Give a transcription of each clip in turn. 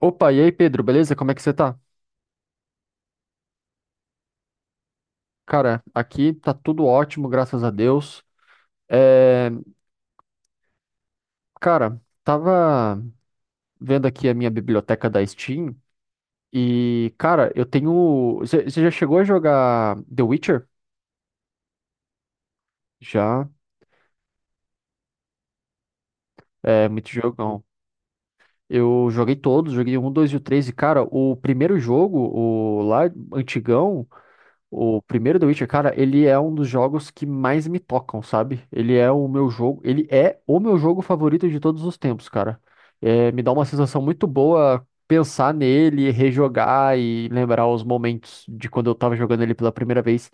Opa, e aí, Pedro, beleza? Como é que você tá? Cara, aqui tá tudo ótimo, graças a Deus. É, cara, tava vendo aqui a minha biblioteca da Steam e, cara, eu tenho. Você já chegou a jogar The Witcher? Já, é muito jogão. Eu joguei todos, joguei um, 2 e o 3, e, cara, o primeiro jogo, o lá antigão. O primeiro The Witcher, cara, ele é um dos jogos que mais me tocam, sabe? Ele é o meu jogo favorito de todos os tempos, cara. É, me dá uma sensação muito boa pensar nele, rejogar e lembrar os momentos de quando eu tava jogando ele pela primeira vez.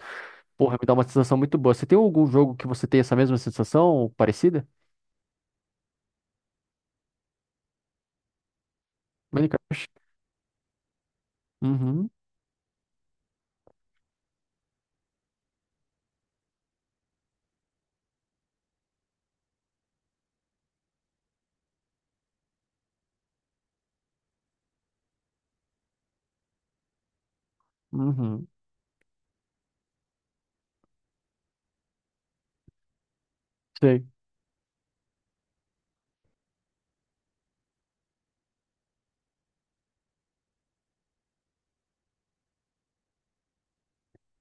Porra, me dá uma sensação muito boa. Você tem algum jogo que você tem essa mesma sensação, parecida? Minecraft. Uhum, uhum. Sei.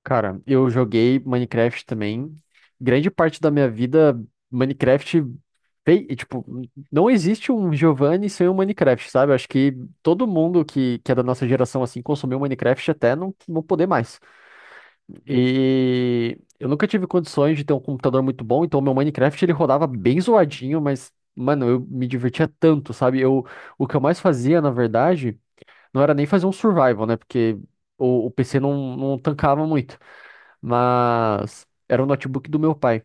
Cara, eu joguei Minecraft também. Grande parte da minha vida, Minecraft, e, tipo, não existe um Giovanni sem um Minecraft, sabe? Acho que todo mundo que é da nossa geração, assim, consumiu Minecraft até não poder mais. E eu nunca tive condições de ter um computador muito bom, então meu Minecraft, ele rodava bem zoadinho, mas, mano, eu me divertia tanto, sabe? O que eu mais fazia, na verdade, não era nem fazer um survival, né? Porque o PC não tancava muito. Mas era o notebook do meu pai.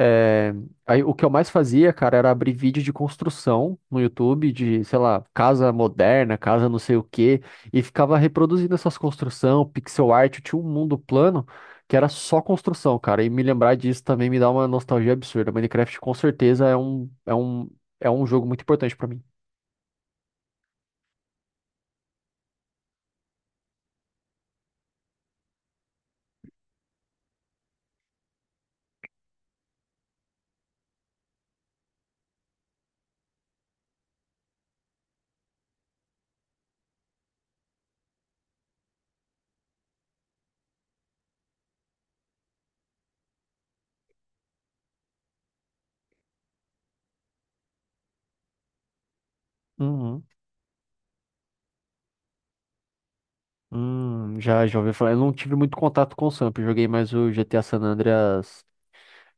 É, aí o que eu mais fazia, cara, era abrir vídeo de construção no YouTube, de, sei lá, casa moderna, casa não sei o quê, e ficava reproduzindo essas construções, pixel art, eu tinha um mundo plano que era só construção, cara, e me lembrar disso também me dá uma nostalgia absurda. Minecraft com certeza é um jogo muito importante pra mim. Uhum. Já, já ouvi falar. Eu não tive muito contato com o Samp, eu joguei mais o GTA San Andreas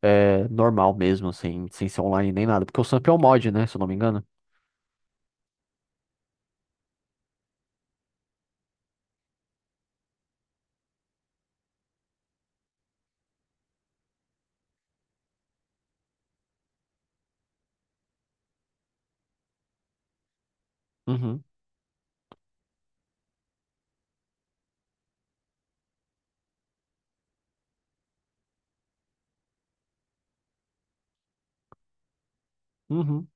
é, normal mesmo, sem ser online nem nada. Porque o Samp é um mod, né? Se eu não me engano. Uhum, uhum,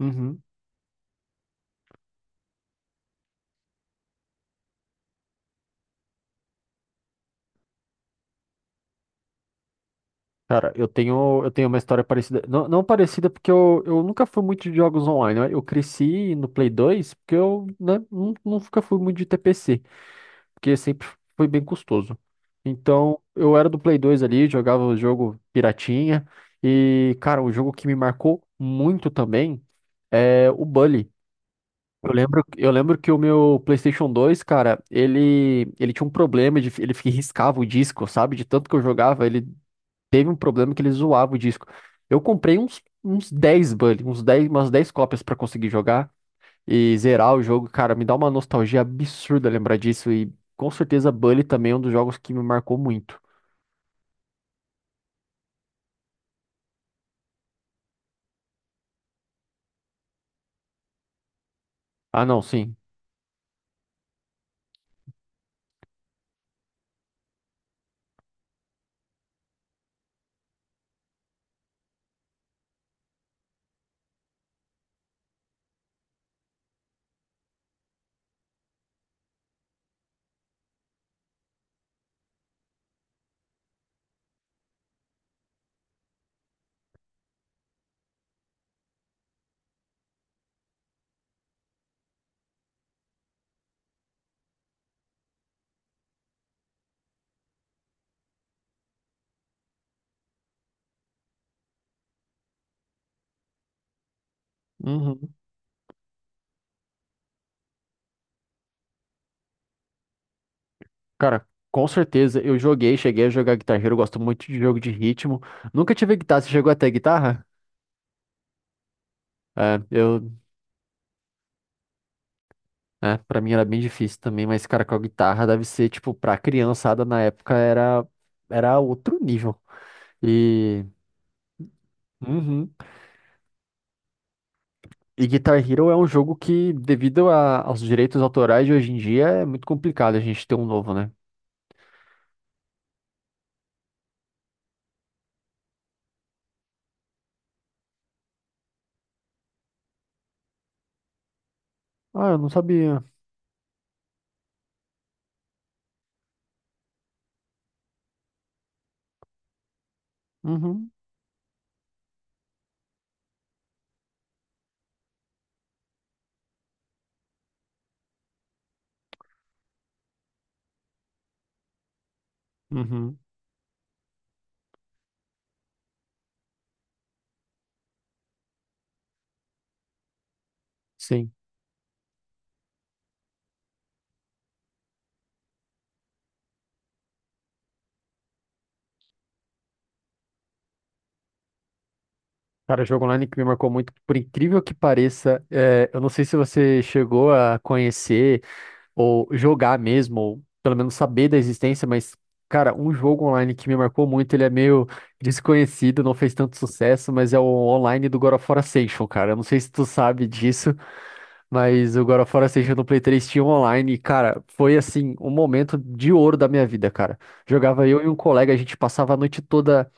uhum. Cara, eu tenho uma história parecida. Não, não parecida, porque eu nunca fui muito de jogos online, né? Eu cresci no Play 2 porque eu, né, nunca fui muito de TPC porque sempre foi bem custoso. Então, eu era do Play 2 ali, jogava o jogo piratinha. E, cara, um jogo que me marcou muito também é o Bully. Eu lembro que o meu PlayStation 2, cara, ele tinha um problema de, ele riscava o disco, sabe? De tanto que eu jogava, ele teve um problema que ele zoava o disco. Eu comprei uns 10 Bully, umas 10 cópias pra conseguir jogar e zerar o jogo, cara, me dá uma nostalgia absurda lembrar disso. E com certeza Bully também é um dos jogos que me marcou muito. Ah, não, sim. Uhum. Cara, com certeza eu joguei, cheguei a jogar Guitar Hero, eu gosto muito de jogo de ritmo. Nunca tive guitarra, você chegou até guitarra? É, é, pra mim era bem difícil também, mas, cara, com a guitarra deve ser, tipo, pra criançada na época era outro nível. E. Uhum. E Guitar Hero é um jogo que, devido aos direitos autorais de hoje em dia, é muito complicado a gente ter um novo, né? Ah, eu não sabia. Uhum, uhum, sim. Cara, jogo online que me marcou muito, por incrível que pareça, é, eu não sei se você chegou a conhecer ou jogar mesmo, ou pelo menos saber da existência, mas, cara, um jogo online que me marcou muito, ele é meio desconhecido, não fez tanto sucesso, mas é o online do God of War Ascension, cara. Eu não sei se tu sabe disso. Mas o God of War Ascension no Play 3 tinha um online, e, cara, foi assim, um momento de ouro da minha vida, cara. Jogava eu e um colega, a gente passava a noite toda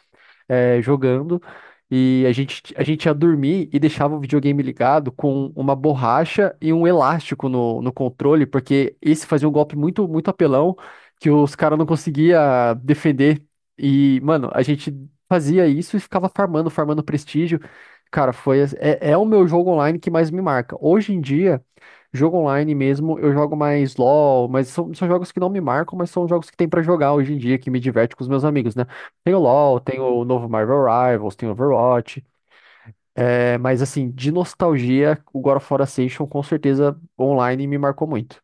jogando. E a gente ia dormir e deixava o videogame ligado com uma borracha e um elástico no controle, porque esse fazia um golpe muito, muito apelão que os caras não conseguiam defender. E, mano, a gente fazia isso e ficava farmando, farmando prestígio. Cara, é o meu jogo online que mais me marca. Hoje em dia, jogo online mesmo, eu jogo mais LOL, mas são jogos que não me marcam, mas são jogos que tem pra jogar hoje em dia, que me diverte com os meus amigos, né? Tem o LoL, tem o novo Marvel Rivals, tem o Overwatch. É, mas assim, de nostalgia, o God of War Ascension com certeza online me marcou muito.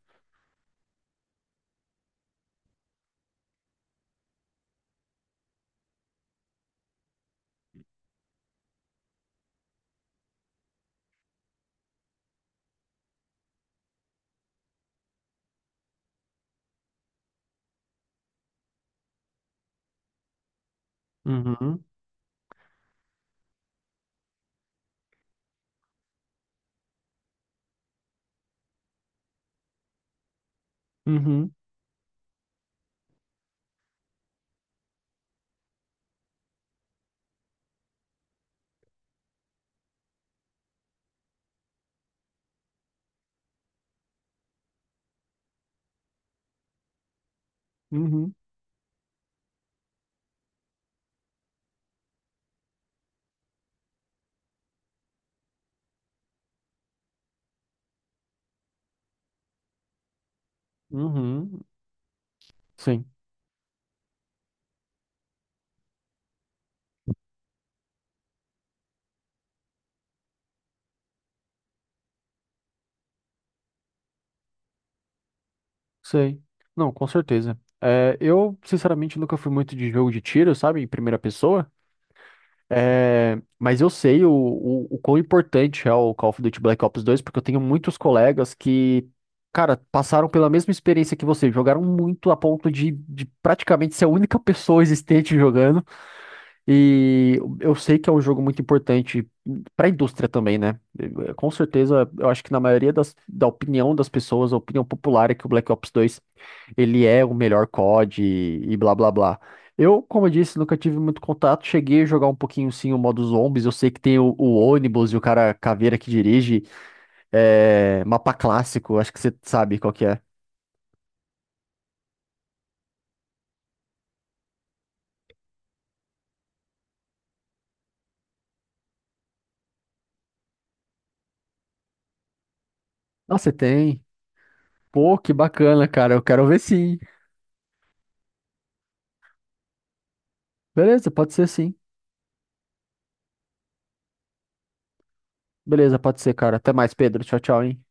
Uhum, uhum, uhum, uhum. Uhum. Sim. Sei. Não, com certeza. É, eu, sinceramente, nunca fui muito de jogo de tiro, sabe? Em primeira pessoa. Mas eu sei o quão importante é o Call of Duty Black Ops dois, porque eu tenho muitos colegas que, cara, passaram pela mesma experiência que você. Jogaram muito a ponto de praticamente ser a única pessoa existente jogando. E eu sei que é um jogo muito importante pra indústria também, né? Com certeza, eu acho que na maioria da opinião das pessoas, a opinião popular é que o Black Ops 2 ele é o melhor COD e blá blá blá. Eu, como eu disse, nunca tive muito contato. Cheguei a jogar um pouquinho sim o modo zombies. Eu sei que tem o ônibus e o cara caveira que dirige. É, mapa clássico, acho que você sabe qual que é. Ah, você tem? Pô, que bacana, cara. Eu quero ver sim. Beleza, pode ser sim. Beleza, pode ser, cara. Até mais, Pedro. Tchau, tchau, hein?